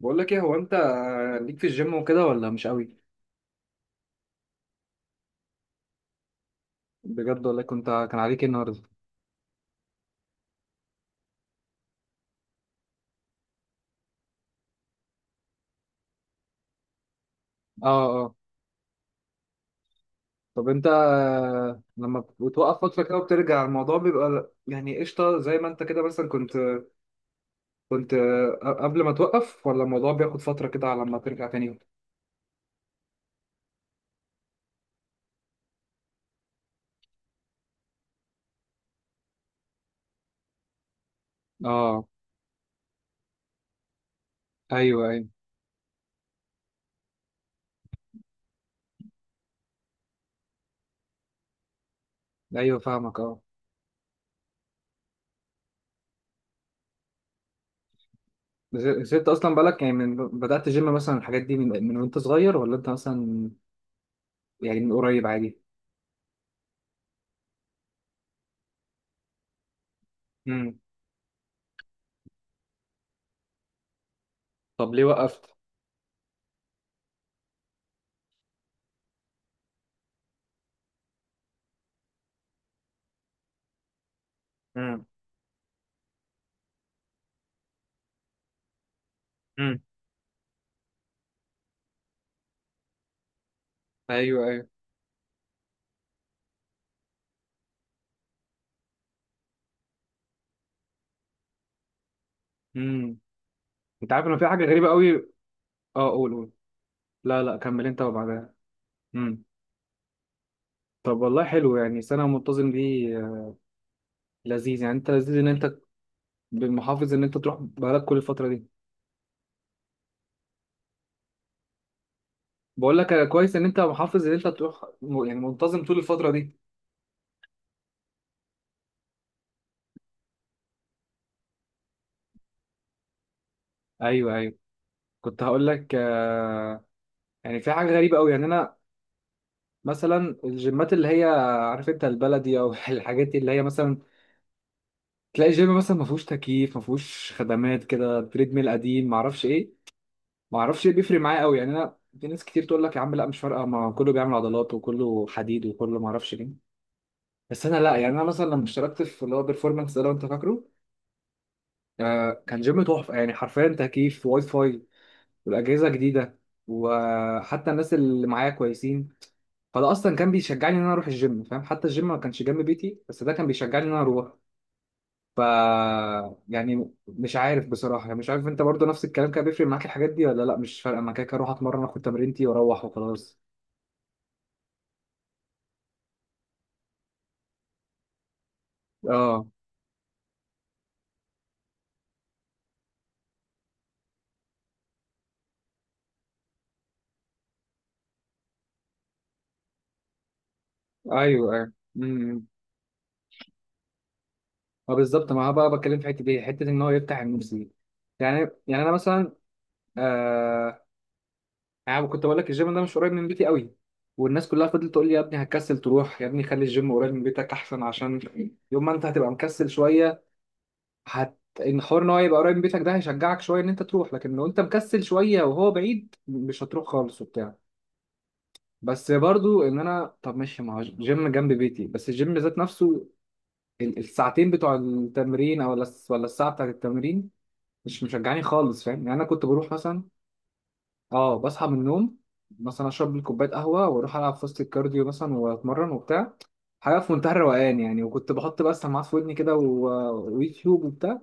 بقول لك ايه، هو انت ليك في الجيم وكده ولا مش قوي؟ بجد؟ ولا كنت، كان عليك ايه النهارده؟ اه. اه. طب انت لما بتوقف فتره كده وبترجع، الموضوع بيبقى يعني قشطه زي ما انت كده مثلا كنت قبل ما توقف، ولا الموضوع بياخد فتره كده على ما ترجع تاني؟ اه. ايوه ايوه. ايوه فاهمك اه. بس انت اصلا بالك يعني من بدأت جيم مثلا الحاجات دي من وانت صغير، ولا انت مثلا يعني من قريب عادي؟ امم. طب ليه وقفت؟ امم. امم. ايوه ايوه. امم. انت عارف انه في حاجه غريبه قوي. اه قول قول. لا لا كمل انت وبعدها. امم. طب والله حلو يعني سنه منتظم دي آه،. لذيذ يعني، انت لذيذ ان انت بالمحافظ ان انت تروح بقالك كل الفتره دي. بقول لك كويس ان انت محافظ ان انت تروح يعني منتظم طول الفتره دي. ايوه ايوه. كنت هقول لك يعني في حاجه غريبه قوي، يعني انا مثلا الجيمات اللي هي، عارف انت البلدي او الحاجات اللي هي مثلا تلاقي جيم مثلا ما فيهوش تكييف، ما فيهوش خدمات، كده تريد ميل قديم، ما اعرفش ايه. ما اعرفش ليه بيفرق معايا قوي يعني، انا في ناس كتير تقول لك يا عم لا مش فارقه، ما كله بيعمل عضلات وكله حديد وكله، ما اعرفش ليه. بس انا لا، يعني انا مثلا لما اشتركت في اللي هو بيرفورمانس ده لو انت فاكره، آه كان جيم تحفه يعني، حرفيا تكييف، واي فاي، والاجهزه جديده، وحتى الناس اللي معايا كويسين. فده اصلا كان بيشجعني ان انا اروح الجيم، فاهم، حتى الجيم ما كانش جنب بيتي، بس ده كان بيشجعني ان انا اروح. ف يعني مش عارف بصراحه يعني، مش عارف انت برضو نفس الكلام كان بيفرق معاك الحاجات دي، ولا لا مش فارقه انا كده كده اروح اتمرن اخد تمرينتي واروح وخلاص. اه. ايوه ايوه. امم. امم. ما بالظبط، ما هو بقى بتكلم في حته دي، حته ان هو يفتح النفس دي. يعني، يعني انا مثلا، آه انا كنت بقول لك الجيم ده مش قريب من بيتي قوي، والناس كلها فضلت تقول لي يا ابني هتكسل تروح، يا ابني خلي الجيم قريب من بيتك احسن، عشان يوم ما انت هتبقى مكسل شويه، هت ان حوار ان هو يبقى قريب من بيتك ده هيشجعك شويه ان انت تروح، لكن لو انت مكسل شويه وهو بعيد مش هتروح خالص وبتاع. بس برضو ان انا، طب ماشي ما هو جيم جنب بيتي، بس الجيم ذات نفسه، الساعتين بتوع التمرين، او ولا الساعه بتاعت التمرين، مش مشجعاني خالص، فاهم يعني. انا كنت بروح مثلا، اه بصحى من النوم مثلا، اشرب لي كوبايه قهوه، واروح العب في وسط الكارديو مثلا واتمرن وبتاع. حاجه في منتهى الروقان يعني، وكنت بحط بقى السماعات في ودني كده ويوتيوب وبتاع.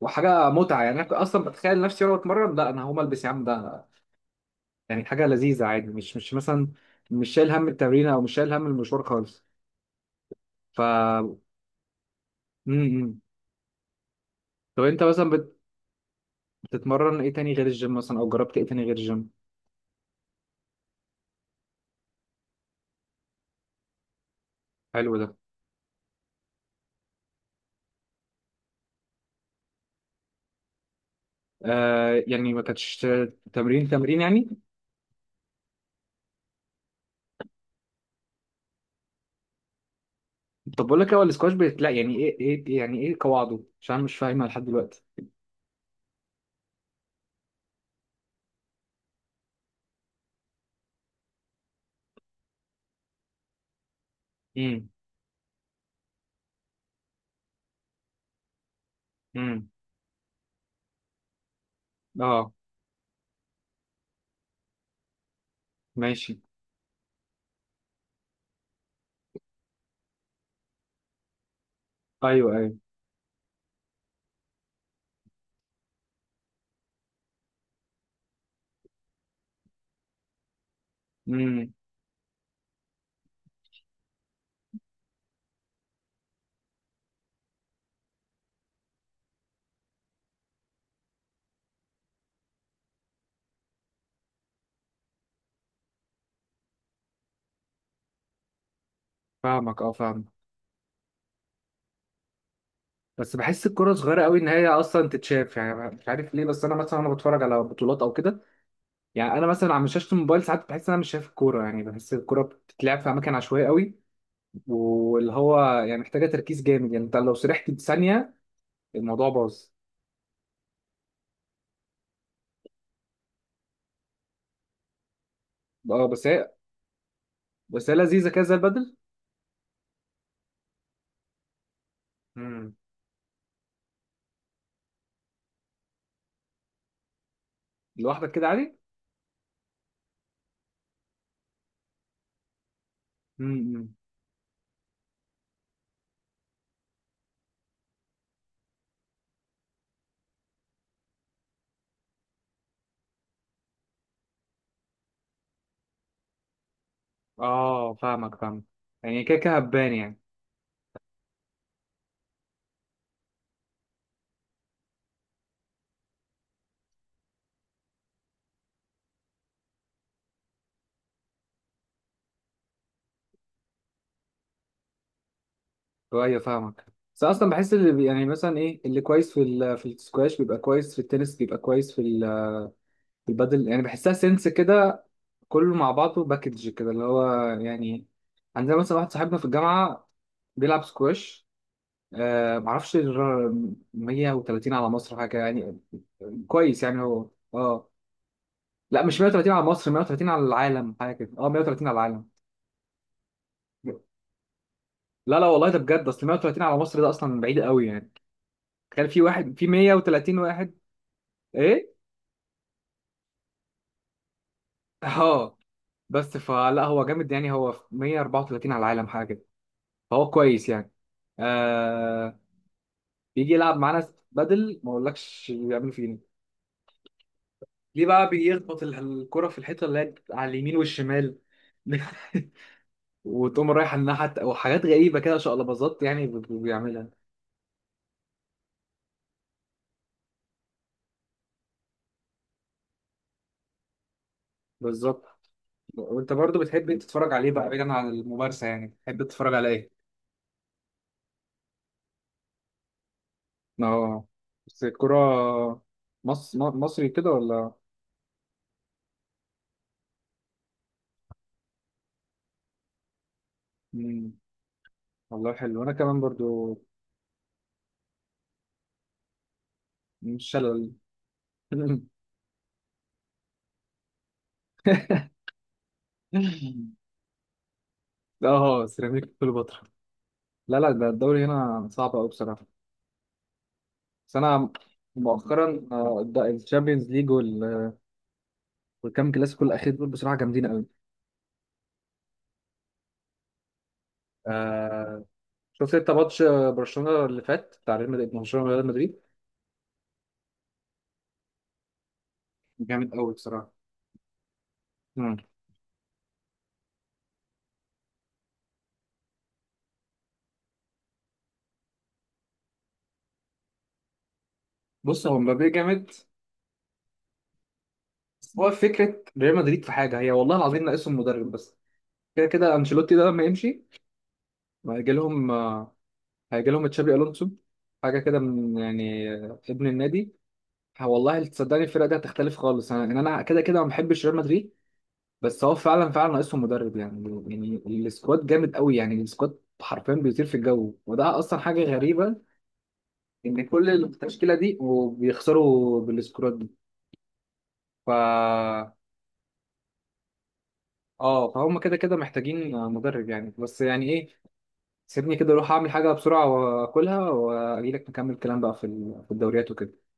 وحاجه متعه يعني، انا كنت اصلا بتخيل نفسي وانا بتمرن لا انا هقوم البس يا عم ده، يعني حاجه لذيذه عادي. مش مثلا، مش شايل هم التمرين او مش شايل هم المشوار خالص. ف م- م. طب انت مثلا بتتمرن ايه تاني غير الجيم مثلا، او جربت ايه تاني غير الجيم؟ حلو ده. آه يعني ما كانتش تمرين تمرين يعني. طب بقول لك إيه، هو السكواش بيت لا يعني ايه، ايه يعني ايه قواعده؟ عشان أنا مش فاهمها لحد دلوقتي. امم. امم. اه. ماشي. ايوه ايوه. امم. فاهمك اه فاهمك. بس بحس الكرة صغيرة قوي ان هي اصلا تتشاف، يعني مش عارف ليه، بس انا مثلا وانا بتفرج على بطولات او كده، يعني انا مثلا على شاشة الموبايل ساعات بحس ان انا مش شايف الكورة، يعني بحس الكورة بتتلعب في اماكن عشوائية قوي، واللي هو يعني محتاجه تركيز جامد يعني، انت لو سرحت ثانيه الموضوع باظ. اه. بس هي لذيذه كده زي البدل. امم. لوحدك كده عادي؟ امم. اه فاهمك فاهمك. يعني كده كده هبان يعني. ايوه فاهمك. بس اصلا بحس اللي يعني مثلا ايه، اللي كويس في ال... في السكواش بيبقى كويس في التنس، بيبقى كويس في ال... في البدل، يعني بحسها سنس كده، كله مع بعضه باكج كده اللي هو يعني. عندنا مثلا واحد صاحبنا في الجامعه بيلعب سكواش آه معرفش 130 على مصر حاجة يعني. كويس يعني هو اه. لا، مش 130 على مصر، 130 على العالم حاجة كده، اه 130 على العالم. لا لا والله ده بجد، اصل 130 على مصر ده اصلا بعيد قوي يعني، تخيل في واحد في 130 واحد. ايه. اه. بس فلا هو جامد يعني، هو في 134 على العالم حاجة كده، فهو كويس يعني آه. بيجي يلعب معانا بدل ما اقولكش بيعمل فينا، ليه بقى بيخبط الكرة في الحيطة اللي هي على اليمين والشمال، وتقوم رايح على الناحية وحاجات غريبة كده، شقلباظات يعني بيعملها. بالظبط. وانت برضو بتحب إيه تتفرج عليه بقى بعيدا عن الممارسة، يعني بتحب تتفرج على ايه؟ اه. بس الكرة مصري كده ولا؟ مم. والله حلو، انا كمان برضو. مش شلل. اه سيراميك كليوباترا. لا لا ده الدوري هنا صعب قوي بصراحة. بس انا مؤخرا الشامبيونز ليج والكام كلاسيكو الاخير دول بصراحة جامدين قوي. شفت انت ماتش برشلونه اللي فات بتاع ريال مدريد، برشلونه وريال مدريد؟ جامد قوي بصراحه. مم. بص هو مبابي جامد، بس هو فكره ريال مدريد في حاجه هي والله العظيم ناقصهم مدرب بس، كده كده انشيلوتي ده لما يمشي هيجي لهم هيجي لهم تشابي الونسو، حاجه كده من يعني آه، ابن النادي. والله تصدقني الفرقه دي هتختلف خالص، انا يعني انا كده كده ما بحبش ريال مدريد، بس هو فعلا فعلا ناقصهم مدرب يعني. يعني السكواد جامد قوي، يعني السكواد حرفيا بيطير في الجو وده اصلا حاجه غريبه، ان كل التشكيله دي وبيخسروا بالسكواد دي. ف اه، فهم كده كده محتاجين مدرب يعني. بس يعني ايه، سيبني كده اروح اعمل حاجه بسرعه واكلها واجي لك نكمل الكلام بقى في ال- في الدوريات وكده.